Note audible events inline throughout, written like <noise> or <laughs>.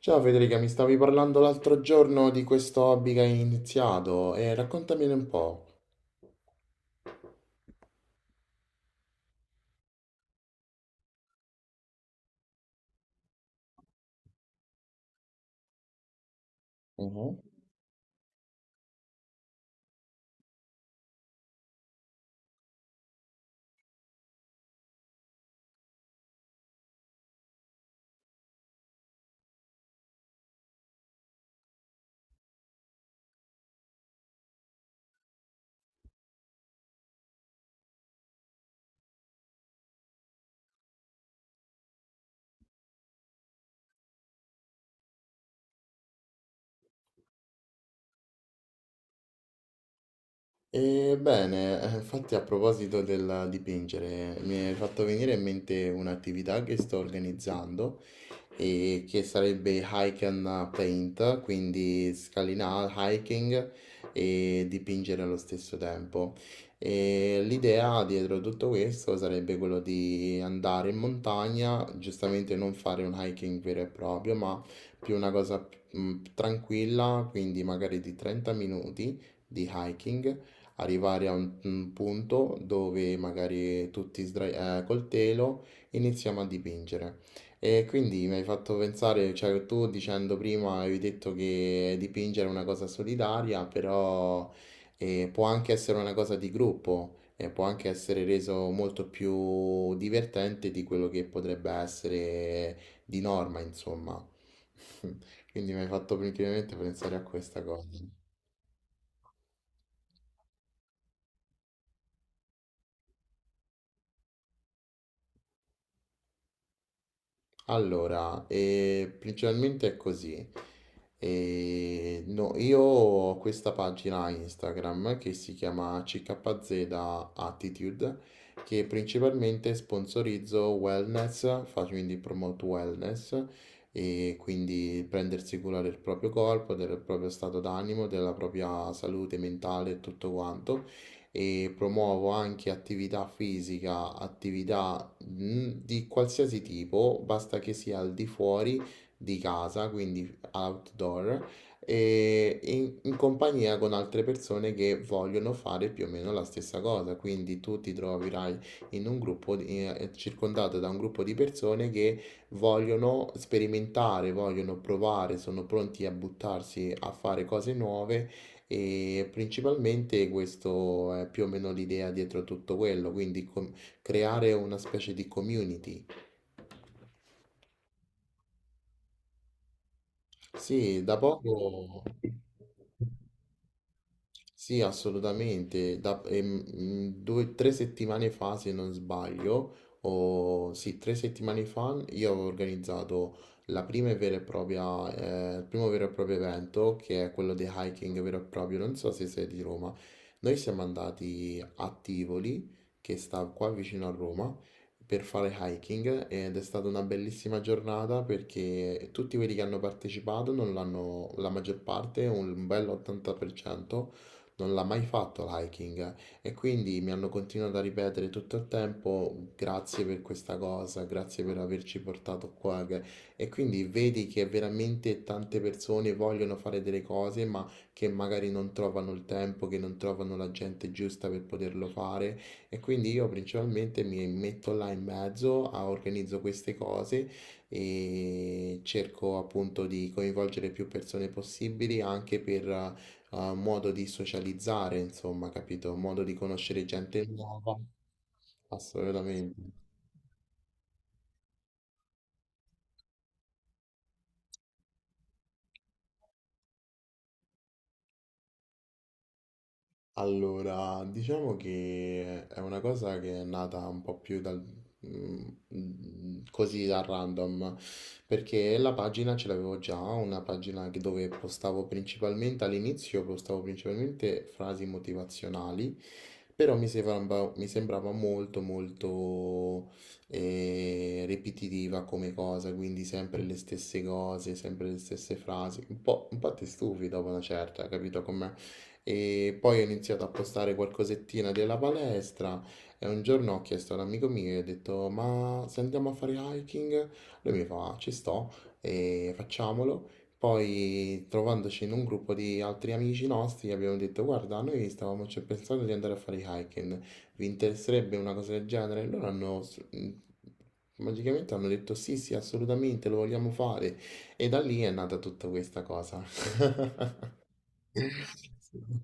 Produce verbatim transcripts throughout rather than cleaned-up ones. Ciao Federica, mi stavi parlando l'altro giorno di questo hobby che hai iniziato e raccontamene un po'. Mhm. E bene, eh, infatti a proposito del dipingere, mi è fatto venire in mente un'attività che sto organizzando e che sarebbe hike and paint, quindi scalinare, hiking e dipingere allo stesso tempo. E l'idea dietro tutto questo sarebbe quello di andare in montagna, giustamente non fare un hiking vero e proprio, ma più una cosa mm, tranquilla, quindi magari di trenta minuti di hiking arrivare a un, un punto dove magari tutti sdrai- eh, col telo iniziamo a dipingere. E quindi mi hai fatto pensare, cioè tu dicendo prima avevi detto che dipingere è una cosa solitaria, però eh, può anche essere una cosa di gruppo e può anche essere reso molto più divertente di quello che potrebbe essere di norma, insomma. <laughs> Quindi mi hai fatto principalmente pensare a questa cosa. Allora, eh, principalmente è così. Eh, no, io ho questa pagina Instagram che si chiama C K Z Attitude, che principalmente sponsorizzo wellness, faccio quindi promote wellness, e quindi prendersi cura del proprio corpo, del proprio stato d'animo, della propria salute mentale e tutto quanto. E promuovo anche attività fisica, attività mh, di qualsiasi tipo, basta che sia al di fuori di casa, quindi outdoor, e in, in compagnia con altre persone che vogliono fare più o meno la stessa cosa. Quindi tu ti troverai in un gruppo, di- eh, eh, circondato da un gruppo di persone che vogliono sperimentare, vogliono provare, sono pronti a buttarsi a fare cose nuove. E principalmente questo è più o meno l'idea dietro tutto quello, quindi com- creare una specie di community. Sì, da poco. Sì, assolutamente. Da, ehm, mm, due, tre settimane fa, se non sbaglio, o sì, tre settimane fa, io avevo organizzato la prima e vera e propria, eh, il primo vero e proprio evento, che è quello di hiking vero e proprio. Non so se sei di Roma. Noi siamo andati a Tivoli, che sta qua vicino a Roma, per fare hiking ed è stata una bellissima giornata perché tutti quelli che hanno partecipato, non l'hanno, la maggior parte, un bel ottanta per cento non l'ha mai fatto l'hiking e quindi mi hanno continuato a ripetere tutto il tempo grazie per questa cosa, grazie per averci portato qua che- e quindi vedi che veramente tante persone vogliono fare delle cose ma che magari non trovano il tempo, che non trovano la gente giusta per poterlo fare e quindi io principalmente mi metto là in mezzo, a- organizzo queste cose e cerco appunto di coinvolgere più persone possibili anche per eh, ha un modo di socializzare, insomma, capito? Un modo di conoscere gente nuova, assolutamente. Allora, diciamo che è una cosa che è nata un po' più dal, mm, mm, così da random, perché la pagina ce l'avevo già, una pagina che- dove postavo principalmente all'inizio, postavo principalmente frasi motivazionali, però mi sembrava, mi sembrava molto molto eh, ripetitiva come cosa, quindi sempre le stesse cose, sempre le stesse frasi, un po', un po' ti stufi dopo una certa, capito com'è? E poi ho iniziato a postare qualcosettina della palestra e un giorno ho chiesto ad un amico mio, gli ho detto, ma se andiamo a fare hiking? Lui mi fa, ci sto e facciamolo. Poi trovandoci in un gruppo di altri amici nostri gli abbiamo detto, guarda, noi stavamo cioè, pensando di andare a fare hiking, vi interesserebbe una cosa del genere? E loro hanno... s- mh, magicamente hanno detto sì, sì, assolutamente, lo vogliamo fare. E da lì è nata tutta questa cosa. <laughs>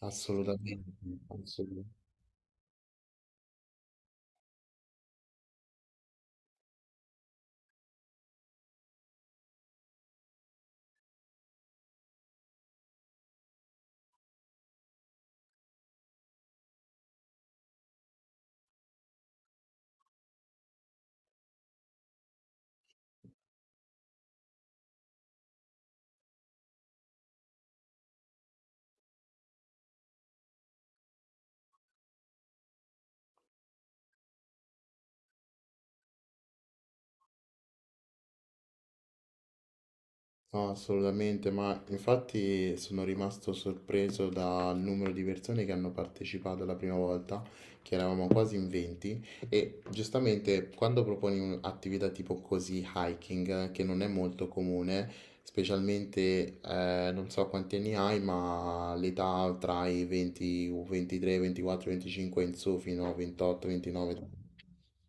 Assolutamente, assolut- no, assolutamente, ma infatti sono rimasto sorpreso dal numero di persone che hanno partecipato la prima volta, che eravamo quasi in venti, e giustamente quando proponi un'attività tipo così, hiking, che non è molto comune, specialmente eh, non so quanti anni hai, ma l'età tra i venti, ventitré, ventiquattro, venticinque in su fino a ventotto, ventinove,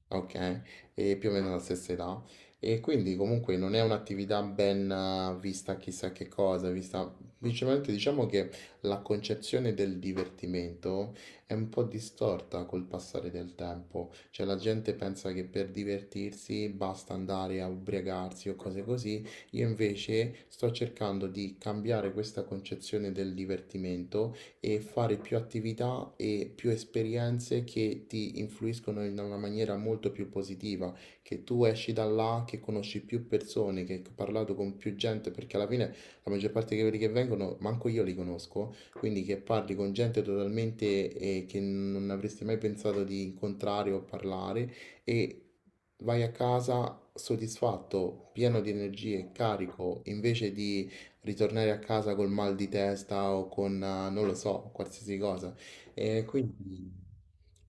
ok, e più o meno la stessa età. E quindi comunque non è un'attività ben eh, vista chissà che cosa, vista principalmente diciamo che la concezione del divertimento è un po' distorta col passare del tempo, cioè la gente pensa che per divertirsi basta andare a ubriacarsi o cose così, io invece sto cercando di cambiare questa concezione del divertimento e fare più attività e più esperienze che ti influiscono in una maniera molto più positiva che tu esci da là, che conosci più persone, che hai parlato con più gente, perché alla fine la maggior parte di quelli che vengono, manco io li conosco, quindi che parli con gente totalmente eh, che non avresti mai pensato di incontrare o parlare e vai a casa soddisfatto, pieno di energie, carico, invece di ritornare a casa col mal di testa o con, eh, non lo so, qualsiasi cosa. E quindi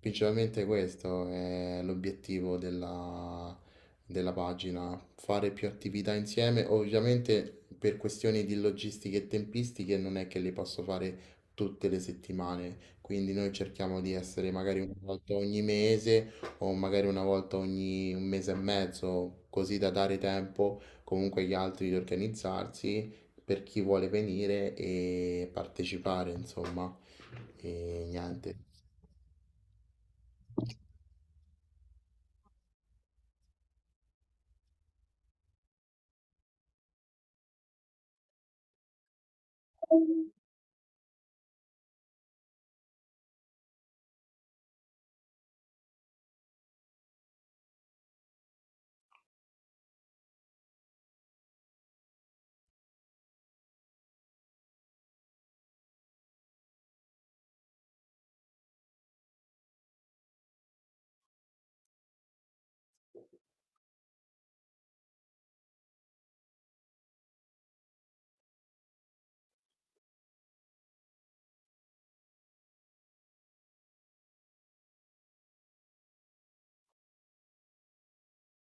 principalmente questo è l'obiettivo della, della pagina, fare più attività insieme. Ovviamente per questioni di logistiche e tempistiche non è che le posso fare tutte le settimane, quindi noi cerchiamo di essere magari una volta ogni mese o magari una volta ogni un mese e mezzo, così da dare tempo comunque agli altri di organizzarsi per chi vuole venire e partecipare, insomma. E niente,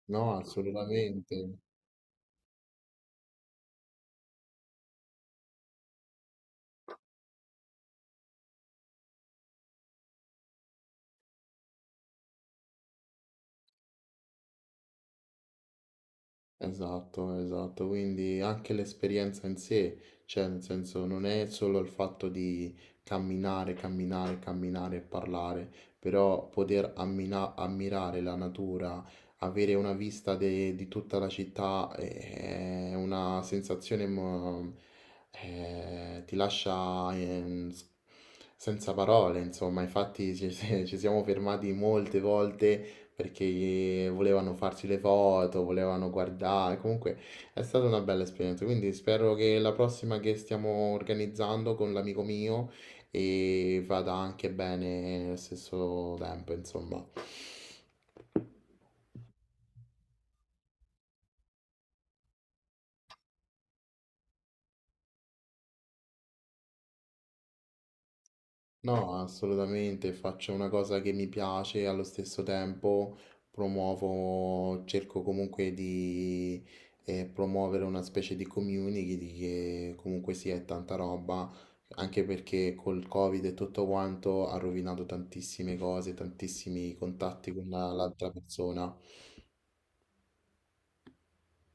no, assolutamente, esatto, esatto, quindi anche l'esperienza in sé, cioè nel senso non è solo il fatto di camminare, camminare, camminare e parlare, però poter ammina- ammirare la natura, avere una vista de- di tutta la città è è una sensazione, mo- eh, ti lascia ehm, s- senza parole, insomma, infatti ci <laughs> ci siamo fermati molte volte perché volevano farsi le foto, volevano guardare, comunque è stata una bella esperienza, quindi spero che la prossima che stiamo organizzando con l'amico mio e vada anche bene allo stesso tempo, insomma. No, assolutamente, faccio una cosa che mi piace e allo stesso tempo promuovo, cerco comunque di eh, promuovere una specie di community di che comunque sia è tanta roba, anche perché col Covid e tutto quanto ha rovinato tantissime cose, tantissimi contatti con la- l'altra persona.